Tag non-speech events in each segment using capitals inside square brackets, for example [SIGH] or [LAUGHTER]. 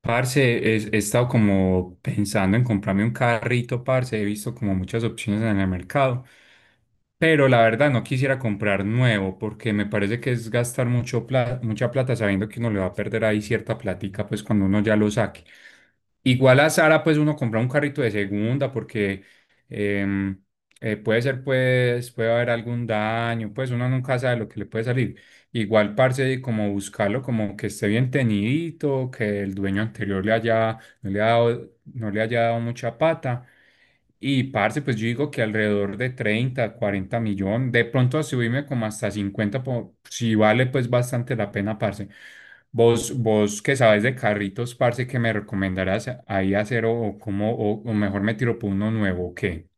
Parce, he estado como pensando en comprarme un carrito, parce. He visto como muchas opciones en el mercado, pero la verdad no quisiera comprar nuevo porque me parece que es gastar mucha plata sabiendo que uno le va a perder ahí cierta plática pues cuando uno ya lo saque. Igual a Sara pues uno compra un carrito de segunda porque em, puede ser pues, puede haber algún daño, pues uno nunca sabe lo que le puede salir. Igual, parce, como buscarlo, como que esté bien tenidito, que el dueño anterior le haya, no le ha dado, no le haya dado mucha pata. Y, parce, pues yo digo que alrededor de 30-40 millones, de pronto a subirme como hasta 50 si vale pues bastante la pena, parce. Vos que sabes de carritos, parce, que me recomendarás ahí hacer o cómo, o mejor me tiro por uno nuevo, ¿o qué?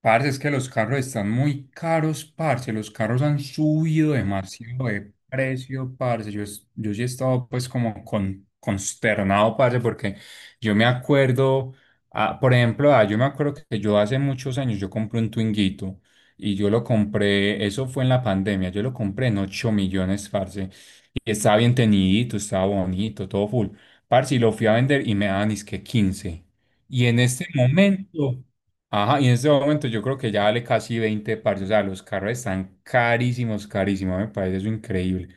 Parce, es que los carros están muy caros, parce. Los carros han subido demasiado de precio, parce. Yo sí he estado pues como consternado, parce, porque yo me acuerdo, por ejemplo, yo me acuerdo que yo hace muchos años yo compré un Twinguito, y yo lo compré, eso fue en la pandemia, yo lo compré en 8 millones, parce. Y estaba bien teñidito, estaba bonito, todo full. Parce, y lo fui a vender y me daban que 15. Y en este momento, ajá, y en este momento yo creo que ya vale casi 20, parce. O sea, los carros están carísimos, carísimos, me parece eso increíble.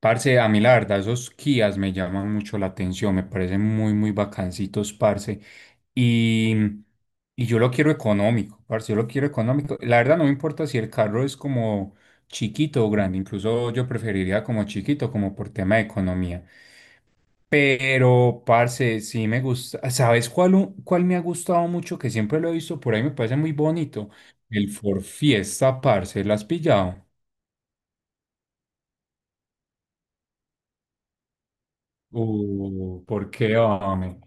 Parce, a mí la verdad, esos Kias me llaman mucho la atención, me parecen muy, muy bacancitos, parce. Y, y yo lo quiero económico, parce, yo lo quiero económico. La verdad, no me importa si el carro es como chiquito o grande, incluso yo preferiría como chiquito, como por tema de economía. Pero, parce, sí me gusta. ¿Sabes cuál, cuál me ha gustado mucho? Que siempre lo he visto por ahí, me parece muy bonito. El Ford Fiesta, parce, ¿lo has pillado? ¿Por qué, hombre?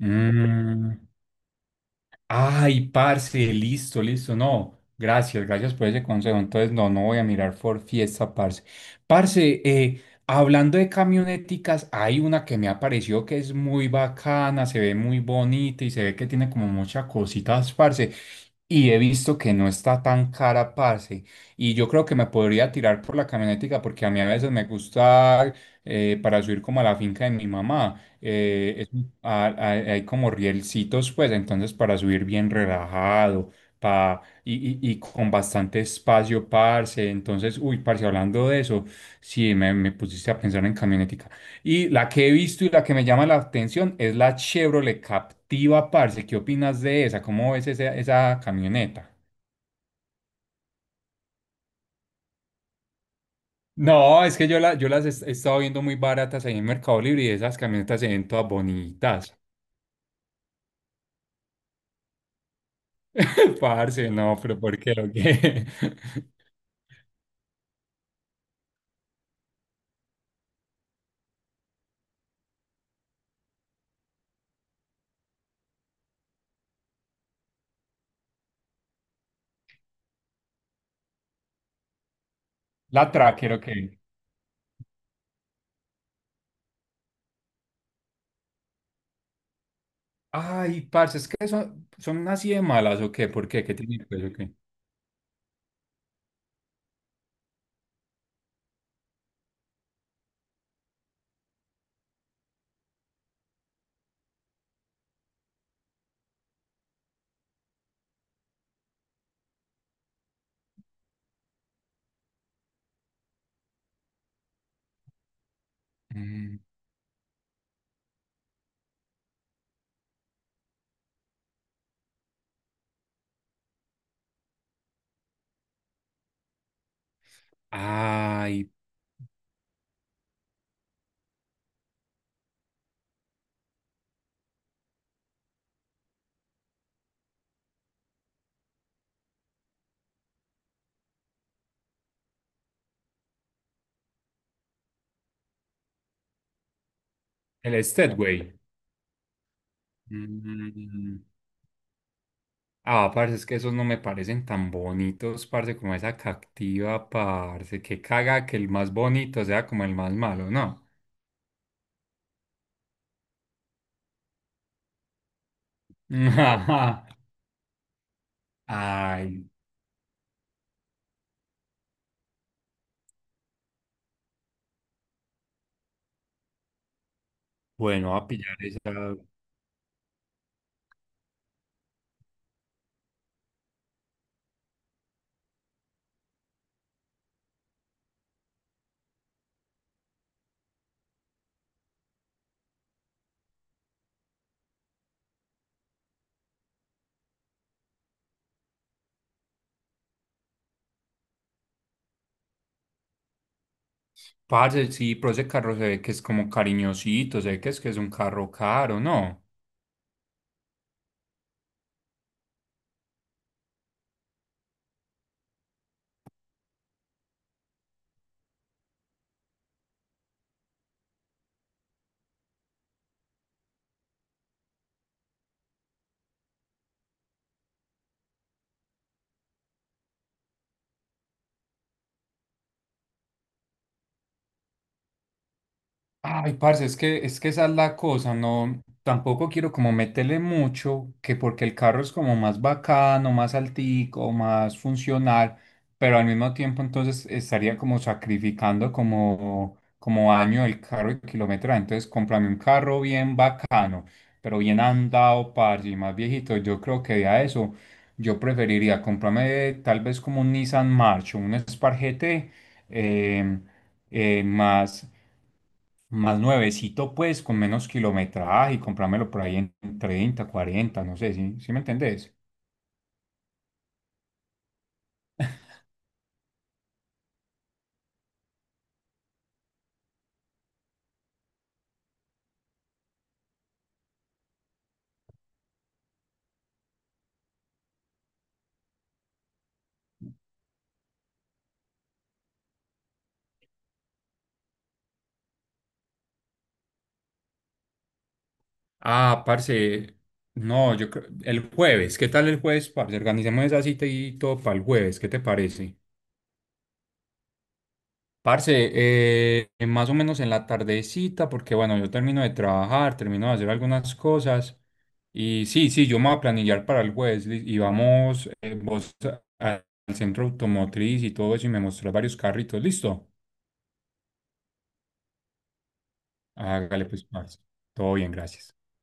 Mm. Ay, parce, listo, listo. No, gracias, gracias por ese consejo. Entonces, no, no voy a mirar por Fiesta, parce. Parce, hablando de camioneticas, hay una que me apareció que es muy bacana, se ve muy bonita y se ve que tiene como muchas cositas, parce. Y he visto que no está tan cara, parce. Y yo creo que me podría tirar por la camionetica porque a mí a veces me gusta para subir como a la finca de mi mamá, es un- a- hay como rielcitos, pues, entonces para subir bien relajado, pa, y con bastante espacio, parce. Entonces, uy, parce, hablando de eso, sí, me pusiste a pensar en camionetica. Y la que he visto y la que me llama la atención es la Chevrolet Captiva, parce. ¿Qué opinas de esa? ¿Cómo ves esa, camioneta? No, es que yo las he estado viendo muy baratas ahí en Mercado Libre, y esas camionetas se ven todas bonitas. [LAUGHS] Parce, no, pero ¿por qué? ¿O qué? [LAUGHS] La Tracker, ¿o qué? Ay, parce, es que son así de malas, ¿o qué? ¿Por qué? ¿Qué tiene pues, o qué? Mm. Ay, el Steadway. Mm. Ah, parce, es que esos no me parecen tan bonitos, parce, como esa cactiva, parce. Que caga que el más bonito sea como el más malo, ¿no? [LAUGHS] Ajá. Ay, bueno, voy a pillar esa. Parce, sí, pero ese carro se ve que es como cariñosito, se ve que es un carro caro, ¿no? Ay, parce, es que esa es la cosa, no, tampoco quiero como meterle mucho, que porque el carro es como más bacano, más altico, más funcional, pero al mismo tiempo entonces estaría como sacrificando como, año el carro y kilometraje, entonces cómprame un carro bien bacano, pero bien andado, parce, y más viejito. Yo creo que a eso yo preferiría comprarme tal vez como un Nissan March o un Spark GT, em, Más Más nuevecito, pues, con menos kilometraje y comprármelo por ahí en 30-40, no sé, ¿sí, sí me entendés? Ah, parce, no, yo creo, el jueves, ¿qué tal el jueves, parce? Organicemos esa cita y todo para el jueves, ¿qué te parece? Parce, más o menos en la tardecita, porque bueno, yo termino de trabajar, termino de hacer algunas cosas, y sí, sí, yo me voy a planillar para el jueves, y vamos, vos a- al centro automotriz y todo eso, y me mostrás varios carritos, ¿listo? Hágale pues, parce. Todo bien, gracias.